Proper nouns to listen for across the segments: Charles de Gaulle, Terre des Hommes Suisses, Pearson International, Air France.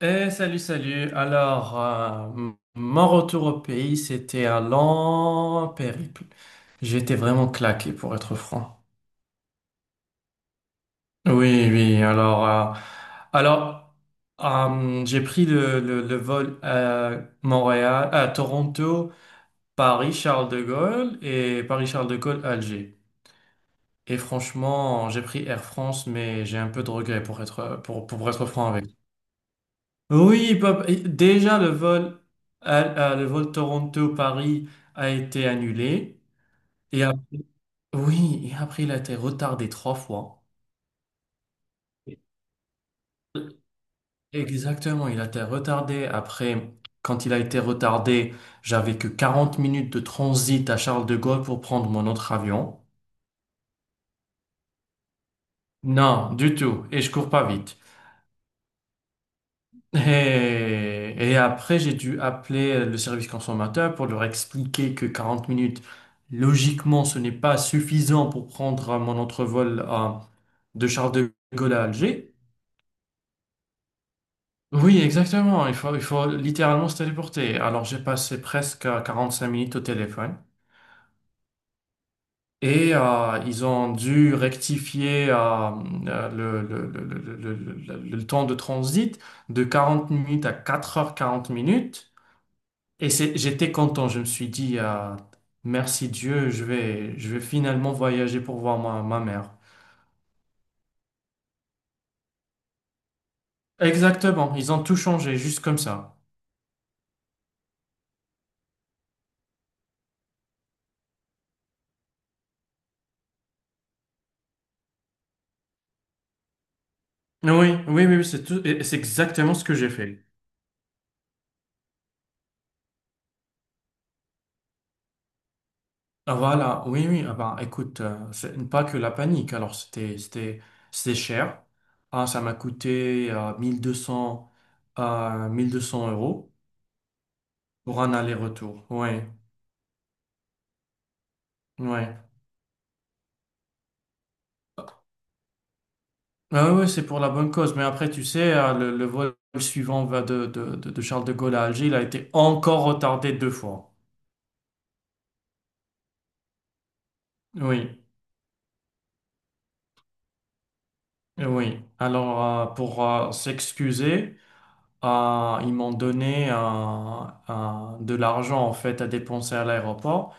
Eh, salut, salut. Alors, mon retour au pays, c'était un long périple. J'étais vraiment claqué, pour être franc. Oui, oui. Alors, j'ai pris le vol à Montréal, à Toronto, Paris, Charles de Gaulle et Paris, Charles de Gaulle, Alger. Et franchement, j'ai pris Air France, mais j'ai un peu de regret pour être franc avec. Oui, bah, et déjà le vol, à- le vol Toronto-Paris a été annulé. Et après- oui, et après il a été retardé trois fois. Exactement, il a été retardé. Après, quand il a été retardé, j'avais que 40 minutes de transit à Charles de Gaulle pour prendre mon autre avion. Non, du tout. Et je cours pas vite. Et après, j'ai dû appeler le service consommateur pour leur expliquer que 40 minutes, logiquement, ce n'est pas suffisant pour prendre mon entrevol de Charles de Gaulle à Alger. Oui, exactement. Il faut littéralement se téléporter. Alors, j'ai passé presque 45 minutes au téléphone. Et ils ont dû rectifier le temps de transit de 40 minutes à 4 h 40. J'étais content, je me suis dit, ah, merci Dieu, je vais finalement voyager pour voir ma mère. Exactement, ils ont tout changé, juste comme ça. Oui, oui, oui, oui, c'est tout, et c'est exactement ce que j'ai fait. Ah, voilà, oui, oui, ah ben, écoute, c'est pas que la panique, alors c'était cher. Ah, ça m'a coûté 1200, 1200 euros pour un aller-retour, oui, oui. Ah oui, c'est pour la bonne cause. Mais après, tu sais, le vol suivant va de Charles de Gaulle à Alger, il a été encore retardé deux fois. Oui, oui. Alors, pour s'excuser, ils m'ont donné de l'argent, en fait, à dépenser à l'aéroport.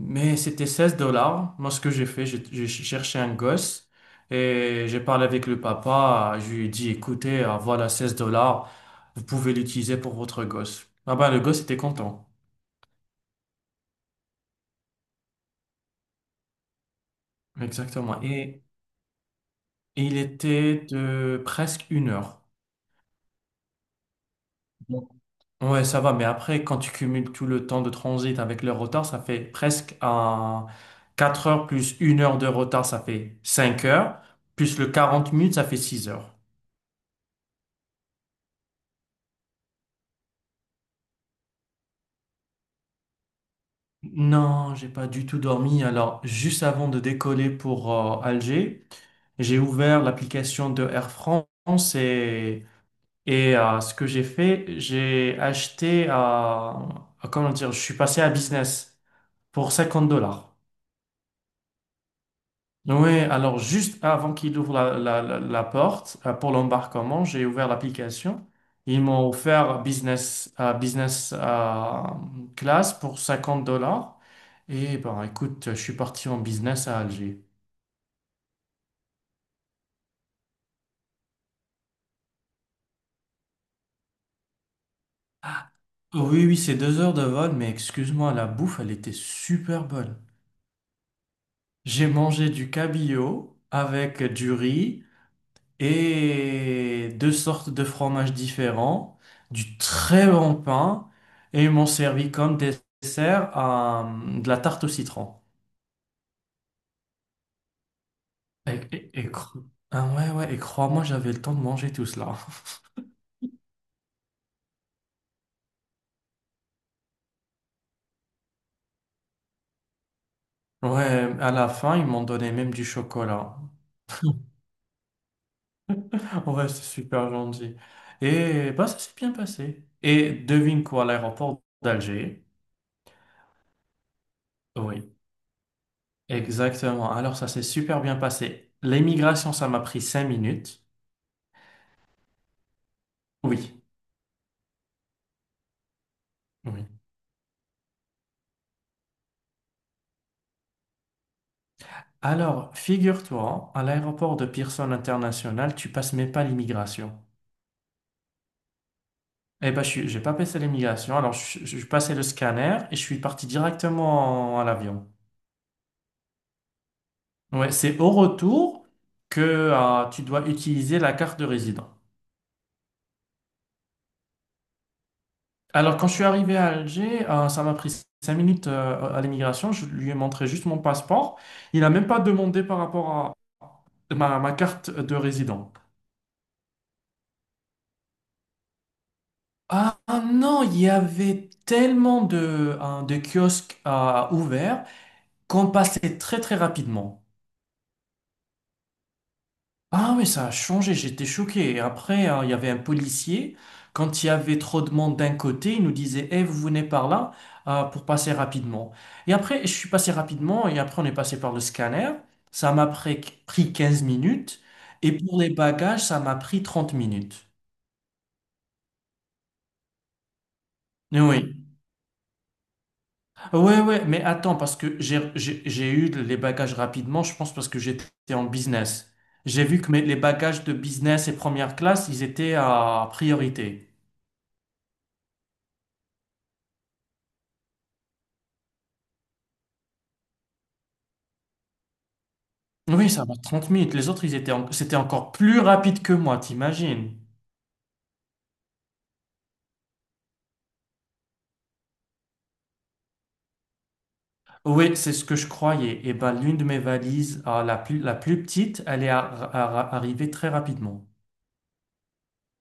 Mais c'était 16 dollars. Moi, ce que j'ai fait, j'ai cherché un gosse et j'ai parlé avec le papa. Je lui ai dit, écoutez, voilà 16 dollars, vous pouvez l'utiliser pour votre gosse. Ah ben, le gosse était content. Exactement. Et il était de presque une heure. Donc, ouais, ça va, mais après, quand tu cumules tout le temps de transit avec le retard, ça fait presque un 4 heures plus une heure de retard, ça fait 5 heures. Plus le 40 minutes, ça fait six heures. Non, j'ai pas du tout dormi. Alors, juste avant de décoller pour Alger, j'ai ouvert l'application de Air France et ce que j'ai fait, j'ai acheté, comment dire, je suis passé à business pour 50 dollars. Oui, alors juste avant qu'il ouvre la porte pour l'embarquement, j'ai ouvert l'application. Ils m'ont offert business class pour 50 dollars. Et ben écoute, je suis parti en business à Alger. Oui, oui, c'est deux heures de vol, mais excuse-moi, la bouffe, elle était super bonne. J'ai mangé du cabillaud avec du riz et deux sortes de fromages différents, du très bon pain, et ils m'ont servi comme dessert de la tarte au citron. Et, et- et cro- ah ouais, ouais, et crois-moi, j'avais le temps de manger tout cela. Ouais, à la fin, ils m'ont donné même du chocolat. Ouais, c'est super gentil. Et bah, ça s'est bien passé. Et devine quoi, l'aéroport d'Alger. Oui, exactement. Alors, ça s'est super bien passé. L'émigration, ça m'a pris cinq minutes. Oui. Oui. Alors, figure-toi, à l'aéroport de Pearson International, tu passes même pas l'immigration. Eh ben, j'ai pas passé l'immigration. Alors, je passais le scanner et je suis parti directement à l'avion. Ouais, c'est au retour que tu dois utiliser la carte de résident. Alors, quand je suis arrivé à Alger, ça m'a pris cinq minutes à l'immigration. Je lui ai montré juste mon passeport. Il n'a même pas demandé par rapport à ma carte de résident. Ah non, il y avait tellement de, hein, de kiosques à ouverts qu'on passait très très rapidement. Ah mais ça a changé, j'étais choqué. Et après, hein, il y avait un policier, quand il y avait trop de monde d'un côté, il nous disait, Eh, vous venez par là pour passer rapidement. Et après, je suis passé rapidement et après on est passé par le scanner. Ça m'a pris 15 minutes et pour les bagages, ça m'a pris 30 minutes. Mais oui. Ouais, ouais, mais attends, parce que j'ai eu les bagages rapidement, je pense, parce que j'étais en business. J'ai vu que les bagages de business et première classe, ils étaient à priorité. Oui, ça va. 30 minutes. Les autres, ils étaient c'était encore plus rapide que moi, t'imagines? Oui, c'est ce que je croyais. Et ben, l'une de mes valises, ah, la plus petite, elle est arrivée très rapidement.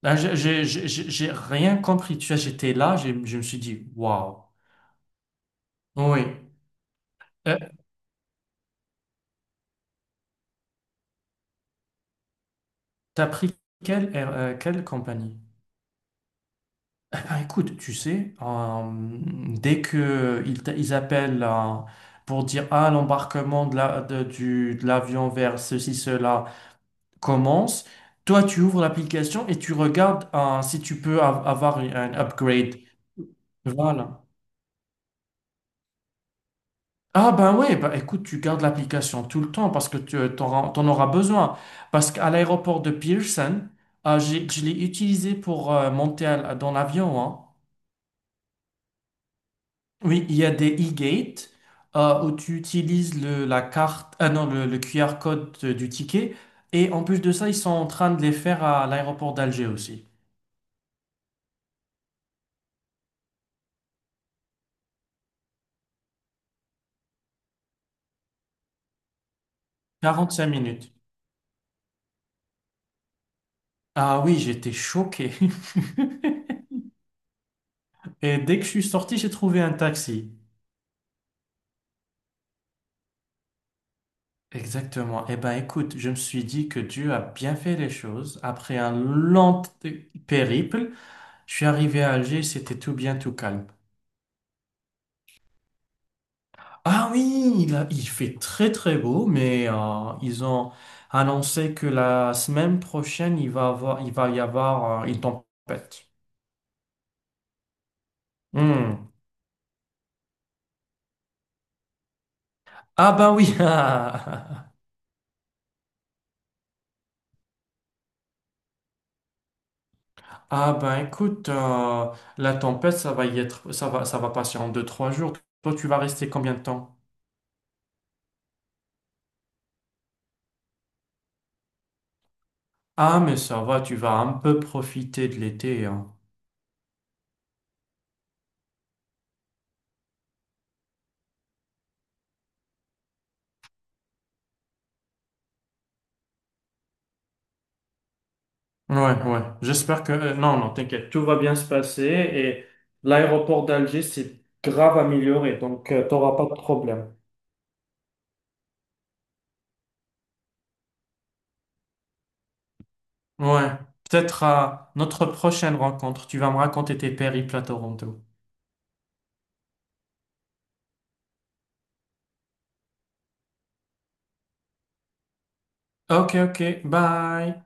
Là, j'ai rien compris. Tu vois, j'étais là, je me suis dit, waouh. Oui. Euh, T'as pris quelle compagnie? Eh ben, écoute, tu sais, dès que ils appellent pour dire ah l'embarquement de de l'avion vers ceci, cela commence, toi tu ouvres l'application et tu regardes si tu peux avoir un upgrade. Voilà. Ah ben oui, bah écoute, tu gardes l'application tout le temps parce que tu t'en auras besoin. Parce qu'à l'aéroport de Pearson, ah, je l'ai utilisé pour monter dans l'avion, hein. Oui, il y a des e-gates où tu utilises le, la carte, ah non, le QR code du ticket. Et en plus de ça, ils sont en train de les faire à l'aéroport d'Alger aussi. 45 minutes. Ah oui, j'étais choqué. Et dès que je suis sorti, j'ai trouvé un taxi. Exactement. Eh ben, écoute, je me suis dit que Dieu a bien fait les choses. Après un long périple, je suis arrivé à Alger, c'était tout bien, tout calme. Ah oui, il fait très très beau, mais ils ont annoncé que la semaine prochaine, il va y avoir une tempête. Hmm. Ah ben oui. Ah ben écoute, la tempête, ça va y être, ça va passer en deux, trois jours. Toi, tu vas rester combien de temps? Ah mais ça va, tu vas un peu profiter de l'été, hein. Ouais, ouais. Non, non, t'inquiète, tout va bien se passer et l'aéroport d'Alger s'est grave amélioré, donc t'auras pas de problème. Ouais. Peut-être à notre prochaine rencontre, tu vas me raconter tes périples à Toronto. Ok, ok, bye.